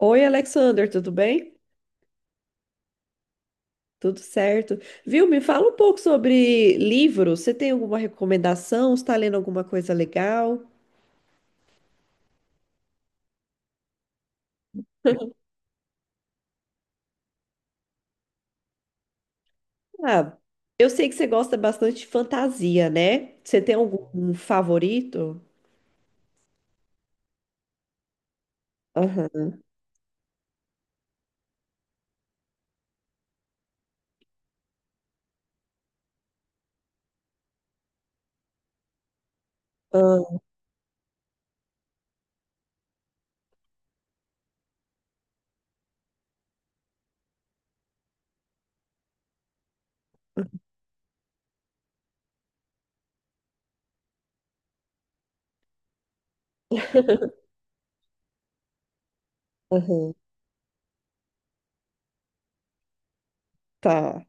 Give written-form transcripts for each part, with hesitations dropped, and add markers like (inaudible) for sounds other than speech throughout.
Oi, Alexander, tudo bem? Tudo certo. Viu? Me fala um pouco sobre livros. Você tem alguma recomendação? Está lendo alguma coisa legal? Ah, eu sei que você gosta bastante de fantasia, né? Você tem algum favorito? Aham. Aham. (laughs) Aham. Tá.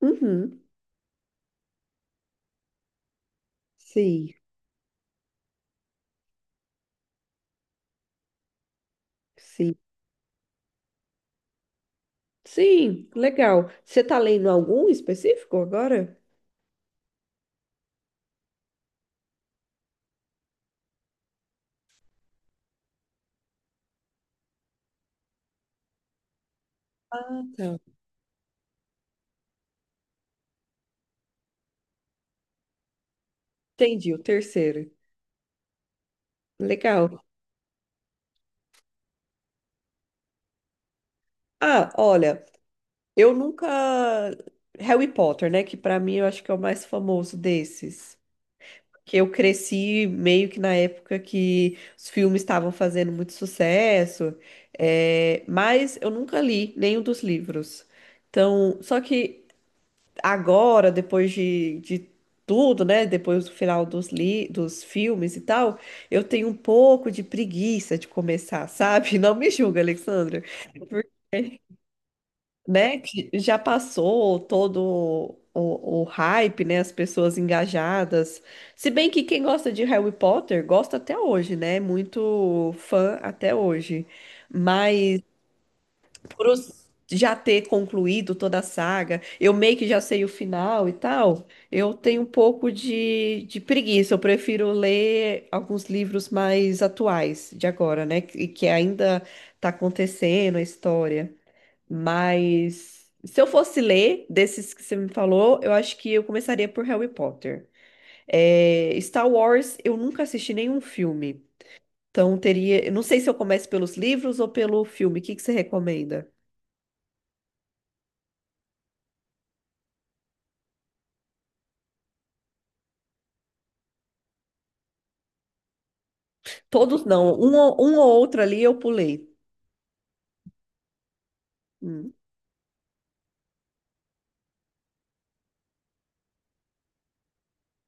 Uhum. Sim, sim. Sim, legal. Você está lendo algum específico agora? Ah, tá. Entendi, o terceiro. Legal. Ah, olha. Eu nunca. Harry Potter, né? Que pra mim eu acho que é o mais famoso desses. Que eu cresci meio que na época que os filmes estavam fazendo muito sucesso. Mas eu nunca li nenhum dos livros. Então, só que agora, depois de tudo, né? Depois do final dos, li... dos filmes e tal, eu tenho um pouco de preguiça de começar, (laughs) sabe? Não me julga, Alexandra, né, que já passou todo o hype, né, as pessoas engajadas. Se bem que quem gosta de Harry Potter gosta até hoje, né, é muito fã até hoje. Mas por já ter concluído toda a saga, eu meio que já sei o final e tal, eu tenho um pouco de preguiça. Eu prefiro ler alguns livros mais atuais de agora, né, e que ainda tá acontecendo a história. Mas se eu fosse ler desses que você me falou, eu acho que eu começaria por Harry Potter. É, Star Wars, eu nunca assisti nenhum filme. Então teria, eu não sei se eu começo pelos livros ou pelo filme. O que que você recomenda? Todos não, um ou outro ali eu pulei. Hum.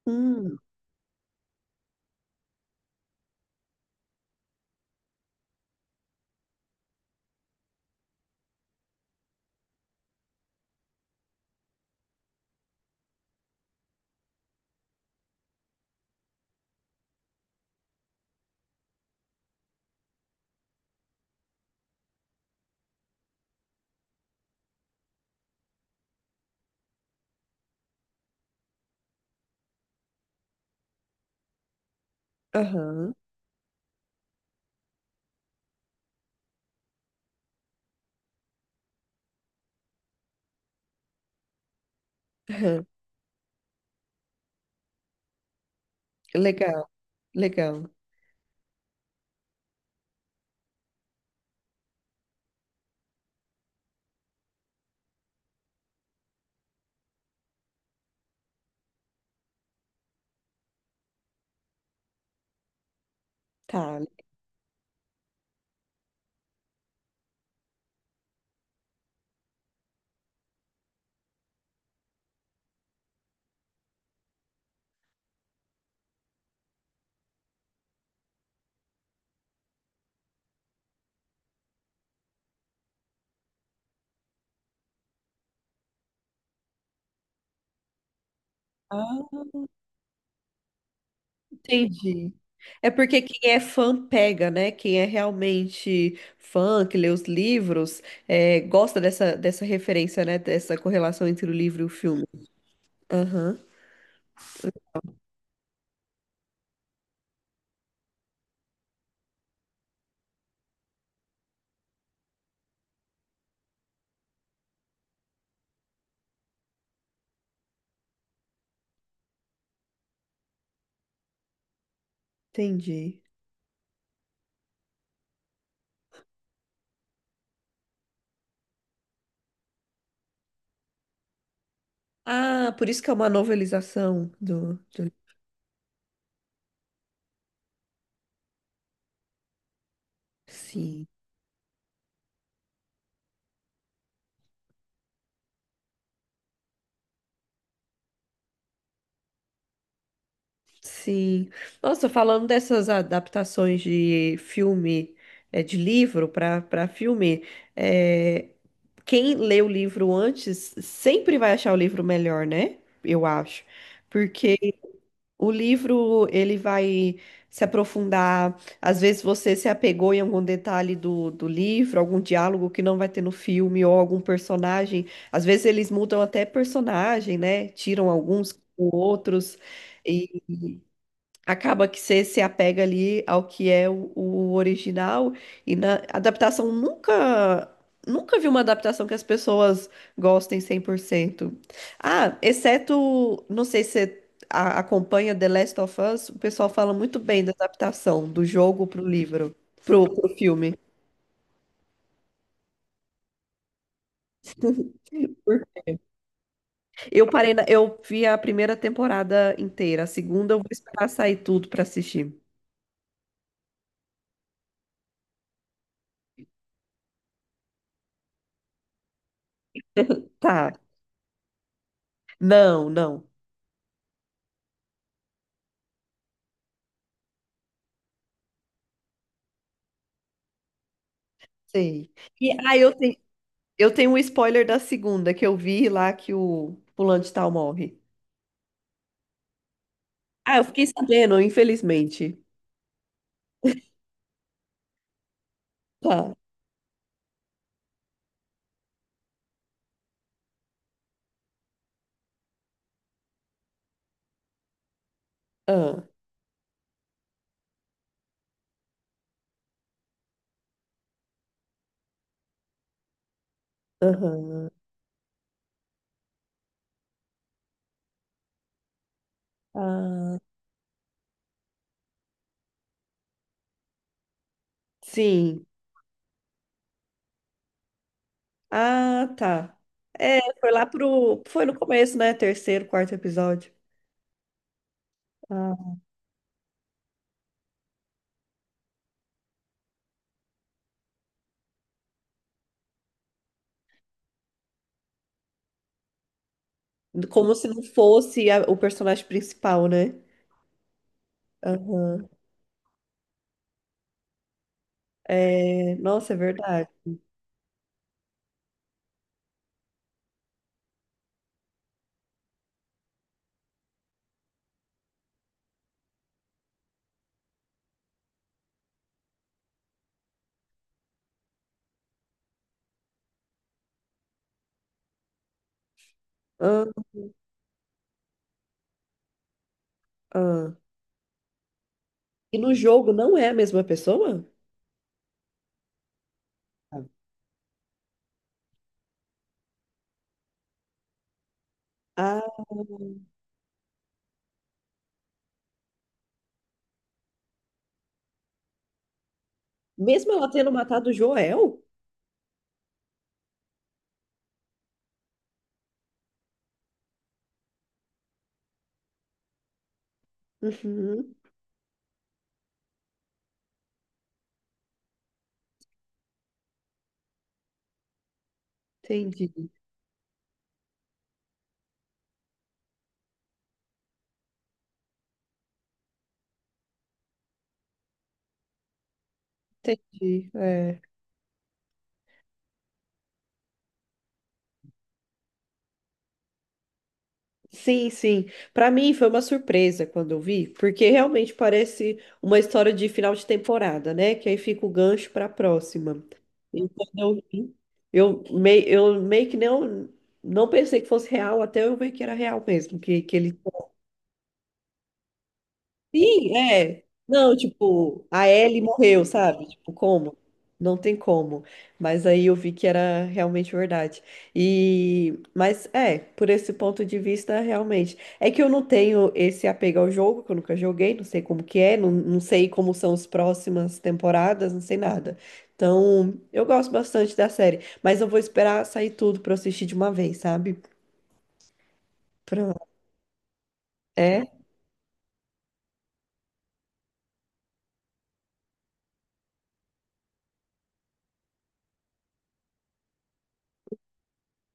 Hum. Aham, aham. Legal, legal. Tá. Ah, entendi. É porque quem é fã pega, né? Quem é realmente fã, que lê os livros, é, gosta dessa, dessa referência, né? Dessa correlação entre o livro e o filme. Aham, entendi. Ah, por isso que é uma novelização do, do... Sim. Sim. Nossa, falando dessas adaptações de filme, é, de livro para para filme, é, quem lê o livro antes sempre vai achar o livro melhor, né? Eu acho. Porque o livro ele vai se aprofundar. Às vezes você se apegou em algum detalhe do, do livro, algum diálogo que não vai ter no filme, ou algum personagem. Às vezes eles mudam até personagem, né? Tiram alguns, outros. E acaba que você se apega ali ao que é o original e na adaptação nunca vi uma adaptação que as pessoas gostem 100%. Ah, exceto, não sei se você acompanha The Last of Us, o pessoal fala muito bem da adaptação do jogo pro livro, pro filme. Eu parei eu vi a primeira temporada inteira, a segunda eu vou esperar sair tudo pra assistir. Tá. Não, não. Sei. E ah, eu tenho Eu tenho um spoiler da segunda que eu vi lá que o fulano de tal morre. Ah, eu fiquei sabendo, infelizmente. Tá. Ah, aham. Ah, sim. Ah, tá. É, foi lá pro. Foi no começo, né? Terceiro, quarto episódio. Ah. Como se não fosse o personagem principal, né? Aham. É, nossa, é verdade. Ah, ah. E no jogo não é a mesma pessoa? Ah, mesmo ela tendo matado o Joel? Uhum. Entendi, entendi. É. Sim, sim. Para mim foi uma surpresa quando eu vi, porque realmente parece uma história de final de temporada, né? Que aí fica o gancho para a próxima. E quando eu vi, eu meio que não pensei que fosse real, até eu ver que era real mesmo, que ele... Sim, é. Não, tipo, a Ellie morreu, sabe? Tipo, como? Não tem como. Mas aí eu vi que era realmente verdade. E, mas é, por esse ponto de vista, realmente. É que eu não tenho esse apego ao jogo, que eu nunca joguei, não sei como que é, não sei como são as próximas temporadas, não sei nada. Então, eu gosto bastante da série, mas eu vou esperar sair tudo pra eu assistir de uma vez, sabe? Pra... É?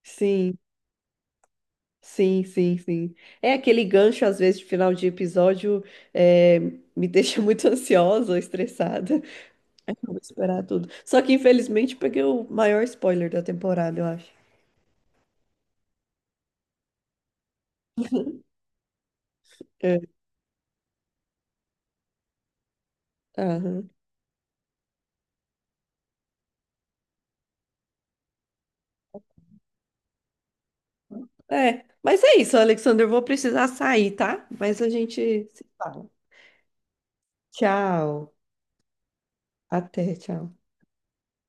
Sim. Sim, sim, sim. É aquele gancho, às vezes, de final de episódio, eh, me deixa muito (laughs) ansiosa, estressada. Aí eu vou esperar tudo. Só que, infelizmente, peguei o maior spoiler da temporada, eu acho. É, aham. É, mas é isso, Alexander. Eu vou precisar sair, tá? Mas a gente se fala. Tchau. Até, tchau.